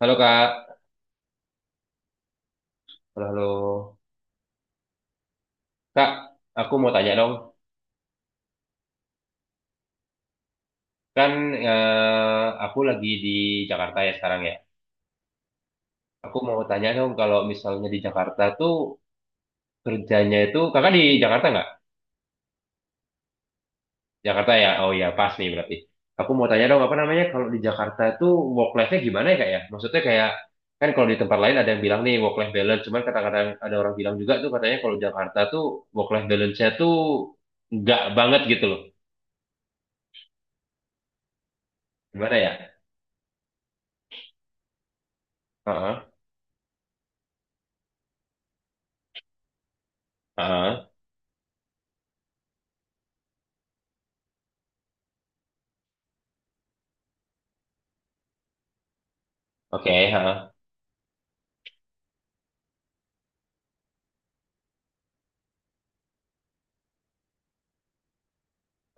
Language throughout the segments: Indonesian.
Halo Kak, halo halo. Kak, aku mau tanya dong. Kan aku lagi di Jakarta ya sekarang ya. Aku mau tanya dong kalau misalnya di Jakarta tuh kerjanya itu Kakak di Jakarta nggak? Jakarta ya. Oh ya, pas nih berarti. Aku mau tanya dong apa namanya kalau di Jakarta tuh work life-nya gimana ya Kak ya? Maksudnya kayak kan kalau di tempat lain ada yang bilang nih work life balance, cuman kadang-kadang ada orang bilang juga tuh katanya kalau Jakarta tuh work life balance-nya tuh nggak banget gitu loh. Gimana ya? Heeh, heeh. Oke, heeh.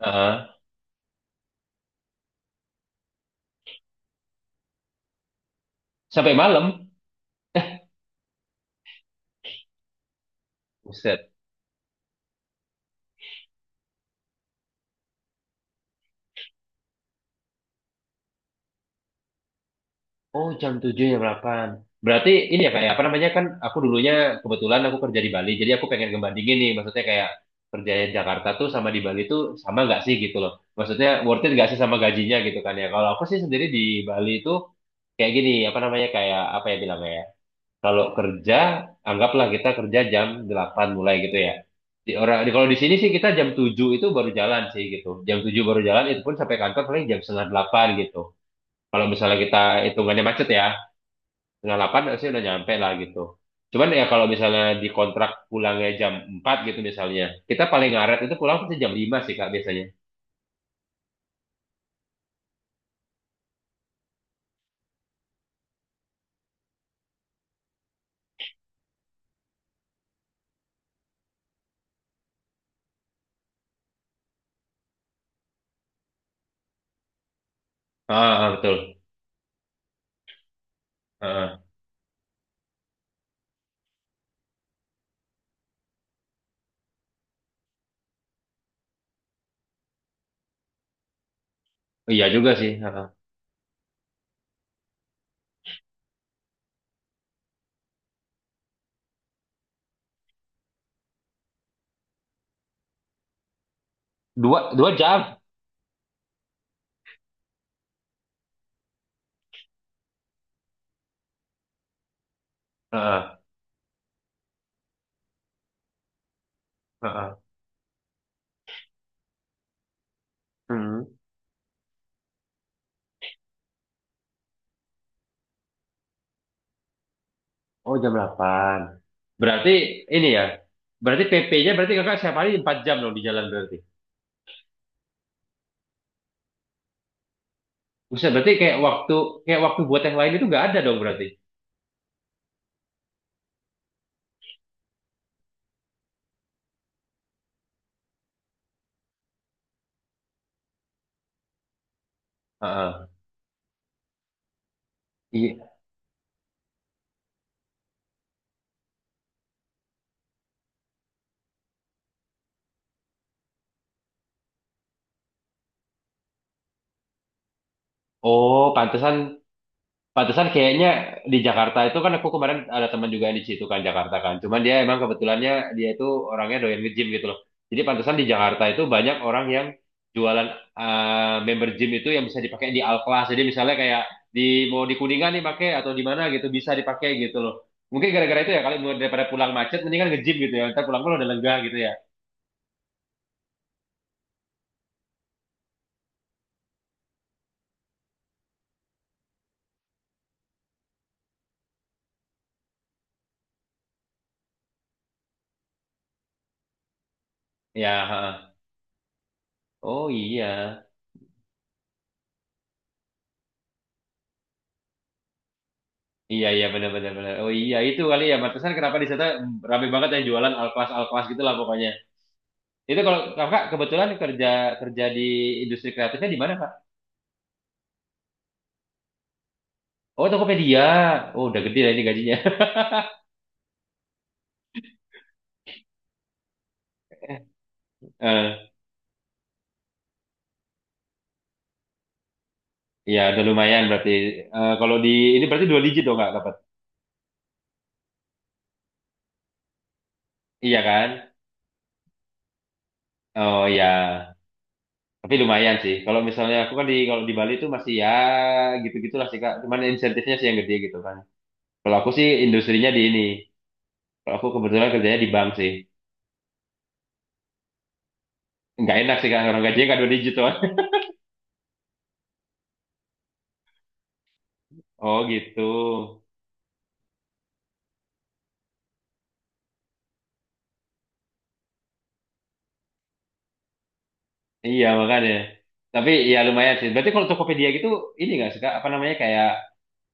Heeh. Sampai malam. Buset. Oh, jam tujuh jam delapan. Berarti ini ya kayak apa namanya kan aku dulunya kebetulan aku kerja di Bali. Jadi aku pengen ngebandingin nih maksudnya kayak kerja di Jakarta tuh sama di Bali tuh sama nggak sih gitu loh. Maksudnya worth it nggak sih sama gajinya gitu kan ya. Kalau aku sih sendiri di Bali itu kayak gini apa namanya kayak apa ya bilangnya ya. Kalau kerja anggaplah kita kerja jam 8 mulai gitu ya. Di orang di kalau di sini sih kita jam 7 itu baru jalan sih gitu. Jam 7 baru jalan itu pun sampai kantor paling jam setengah 8 gitu. Kalau misalnya kita hitungannya macet ya, setengah 8 sih udah nyampe lah gitu. Cuman ya kalau misalnya di kontrak pulangnya jam 4 gitu misalnya, kita paling ngaret itu pulang pasti jam 5 sih Kak biasanya. Ah, ah, betul. Ah, ah. Iya juga sih. Ah, ah. Dua jam. Ah, ah, ah, ah. Hmm. Oh jam 8. Berarti ini ya, berarti PP-nya berarti kakak setiap hari 4 jam dong di jalan berarti. Buset, berarti kayak waktu buat yang lain itu nggak ada dong berarti. Ah, ah. Iya. Oh, pantesan. Pantesan kayaknya di Jakarta itu kan aku kemarin ada teman juga yang di situ kan Jakarta kan. Cuman dia emang kebetulannya dia itu orangnya doyan nge-gym gitu loh. Jadi pantesan di Jakarta itu banyak orang yang jualan eh, member gym itu yang bisa dipakai di al class. Jadi misalnya kayak di mau di Kuningan nih pakai atau di mana gitu bisa dipakai gitu loh. Mungkin gara-gara itu ya kali daripada pulang macet mendingan nge-gym gitu ya. Ntar pulang-pulang udah lega gitu ya. Ya, heeh. Oh iya. Iya iya benar benar benar. Oh iya itu kali ya. Pantesan kenapa di sana rame banget yang jualan al class gitu lah pokoknya. Itu kalau kakak kebetulan kerja kerja di industri kreatifnya di mana kak? Oh Tokopedia. Oh udah gede lah ini gajinya. Eh, Iya udah lumayan berarti. Kalau di ini berarti dua digit dong kak dapat. Iya kan? Oh iya. Tapi lumayan sih. Kalau misalnya aku kan di kalau di Bali itu masih ya gitu-gitulah sih kak. Cuman insentifnya sih yang gede gitu kan. Kalau aku sih industrinya di ini. Kalau aku kebetulan kerjanya di bank sih. Nggak enak sih kak orang gajinya nggak dua digit tuh. Oh gitu. Iya makanya. Tapi ya lumayan sih. Berarti kalau Tokopedia gitu ini nggak suka apa namanya kayak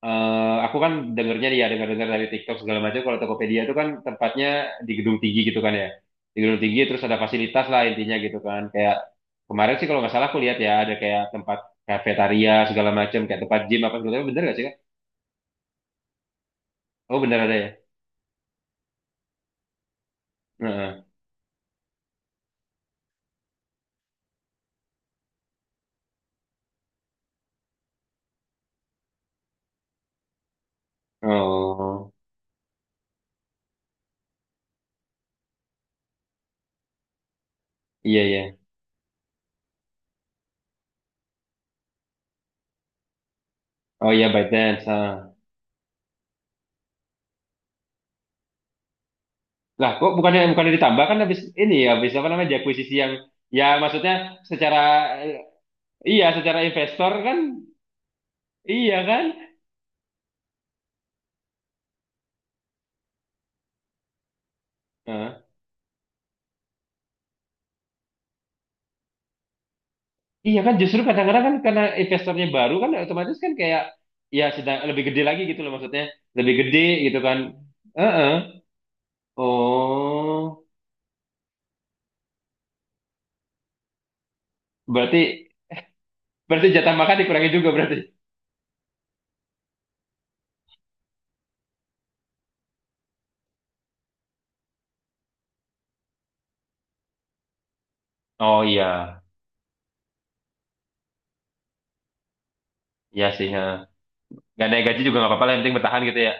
aku kan dengernya dia dengar-dengar dari TikTok segala macam. Kalau Tokopedia itu kan tempatnya di gedung tinggi gitu kan ya. Di gedung tinggi terus ada fasilitas lah intinya gitu kan. Kayak kemarin sih kalau nggak salah aku lihat ya ada kayak tempat kafetaria segala macam kayak tempat gym apa segala macam. Bener nggak sih kak? Oh bener ada ya. Heeh. Oh iya iya. Oh iya ByteDance. Ha. Lah, kok bukannya bukannya ditambah kan habis ini ya, habis apa namanya di akuisisi yang ya maksudnya secara eh, iya secara investor kan iya kan? Heeh. Iya kan justru kadang-kadang kan karena investornya baru kan otomatis kan kayak ya sedang lebih gede lagi gitu loh maksudnya, lebih gede gitu kan. Heeh. Oh, berarti berarti jatah makan dikurangi juga berarti. Oh iya, iya sih. Heeh. Gak naik gaji juga nggak apa-apa lah, yang penting bertahan gitu ya.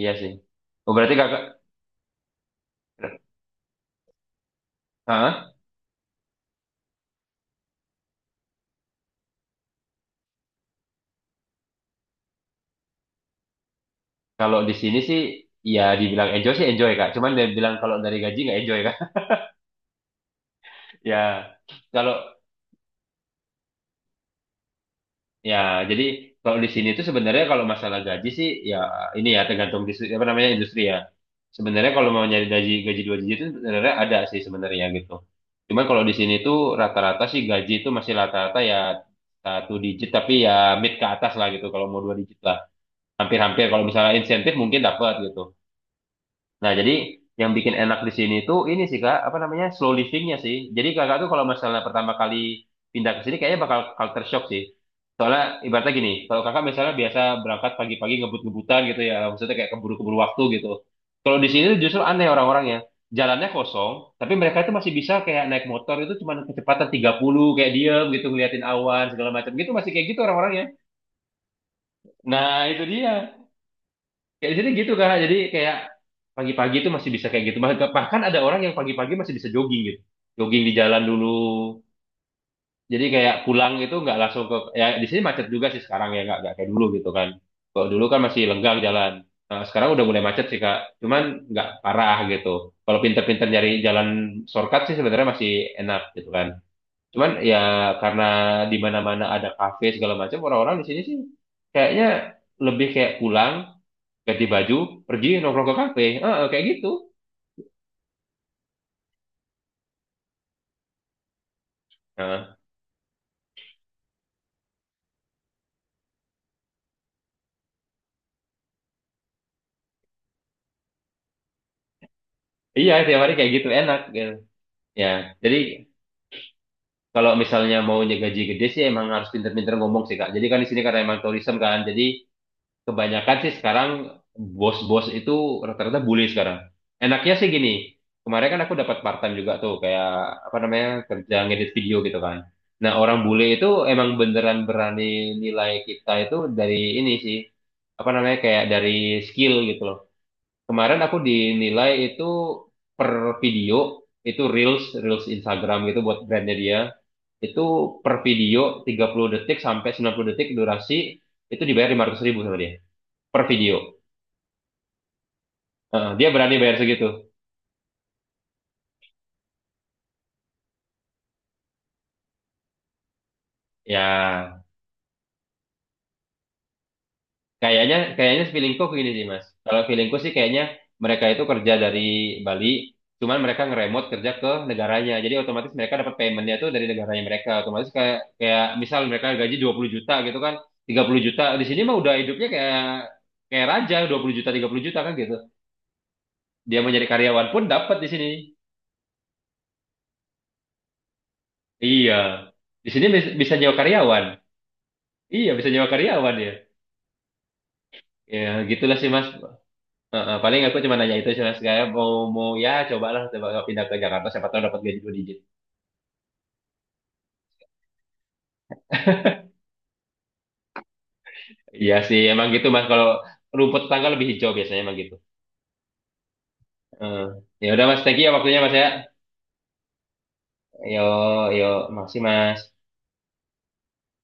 Iya sih. Oh berarti kakak, Hah? Kalau di sini sih, ya dibilang enjoy sih enjoy Kak. Cuman dia bilang kalau dari gaji nggak enjoy Kak. Ya, kalau ya jadi kalau di sini itu sebenarnya kalau masalah gaji sih ya ini ya tergantung dis- apa namanya industri ya. Sebenarnya kalau mau nyari gaji gaji dua digit itu sebenarnya ada sih sebenarnya gitu. Cuman kalau di sini tuh rata-rata sih gaji itu masih rata-rata ya satu digit tapi ya mid ke atas lah gitu kalau mau dua digit lah. Hampir-hampir kalau misalnya insentif mungkin dapat gitu. Nah, jadi yang bikin enak di sini tuh ini sih Kak, apa namanya? Slow livingnya sih. Jadi Kakak tuh kalau misalnya pertama kali pindah ke sini kayaknya bakal culture shock sih. Soalnya ibaratnya gini, kalau Kakak misalnya biasa berangkat pagi-pagi ngebut-ngebutan gitu ya, maksudnya kayak keburu-keburu waktu gitu. Kalau di sini tuh justru aneh orang-orangnya. Jalannya kosong, tapi mereka itu masih bisa kayak naik motor itu cuma kecepatan 30, kayak diem gitu ngeliatin awan segala macam gitu masih kayak gitu orang-orangnya. Nah, itu dia. Kayak di sini gitu kak, jadi kayak pagi-pagi itu masih bisa kayak gitu. Bahkan ada orang yang pagi-pagi masih bisa jogging gitu, jogging di jalan dulu. Jadi kayak pulang itu nggak langsung ke, ya di sini macet juga sih sekarang ya nggak kayak dulu gitu kan. Kalau dulu kan masih lenggang jalan. Nah, sekarang udah mulai macet sih kak, cuman nggak parah gitu. Kalau pinter-pinter nyari jalan shortcut sih sebenarnya masih enak gitu kan. Cuman ya karena di mana-mana ada kafe segala macam, orang-orang di sini sih kayaknya lebih kayak pulang ganti baju pergi nongkrong ke kafe ah ah, kayak gitu. Heeh. Iya tiap hari kayak gitu enak gitu. Ya jadi kalau misalnya mau gaji gede sih emang harus pinter-pinter ngomong sih kak jadi kan di sini karena emang tourism kan jadi kebanyakan sih sekarang bos-bos itu rata-rata bully sekarang enaknya sih gini kemarin kan aku dapat part time juga tuh kayak apa namanya kerja ngedit video gitu kan nah orang bule itu emang beneran berani nilai kita itu dari ini sih apa namanya kayak dari skill gitu loh. Kemarin aku dinilai itu per video, itu Reels, Reels Instagram gitu buat brandnya dia. Itu per video 30 detik sampai 90 detik durasi, itu dibayar Rp500.000 sama dia. Per video. Heeh, dia berani bayar segitu. Ya, kayaknya, kayaknya feelingku gini sih, Mas. Kalau feelingku sih kayaknya mereka itu kerja dari Bali, cuman mereka ngeremote kerja ke negaranya. Jadi otomatis mereka dapat paymentnya tuh dari negaranya mereka. Otomatis kayak, kayak misal mereka gaji 20 juta gitu kan, 30 juta. Di sini mah udah hidupnya kayak kayak raja, 20 juta, 30 juta kan gitu. Dia mau nyari karyawan pun dapat di sini. Iya. Di sini bisa nyewa karyawan. Iya, bisa nyewa karyawan ya. Ya, gitulah sih, Mas. Heeh, paling aku cuma nanya itu sih mas kayak mau mau ya cobalah coba kalau pindah ke Jakarta siapa tahu dapat gaji dua digit. Iya sih emang gitu mas kalau rumput tetangga lebih hijau biasanya emang gitu. Heeh. Ya udah mas thank you ya waktunya mas ya. Yo yo makasih mas.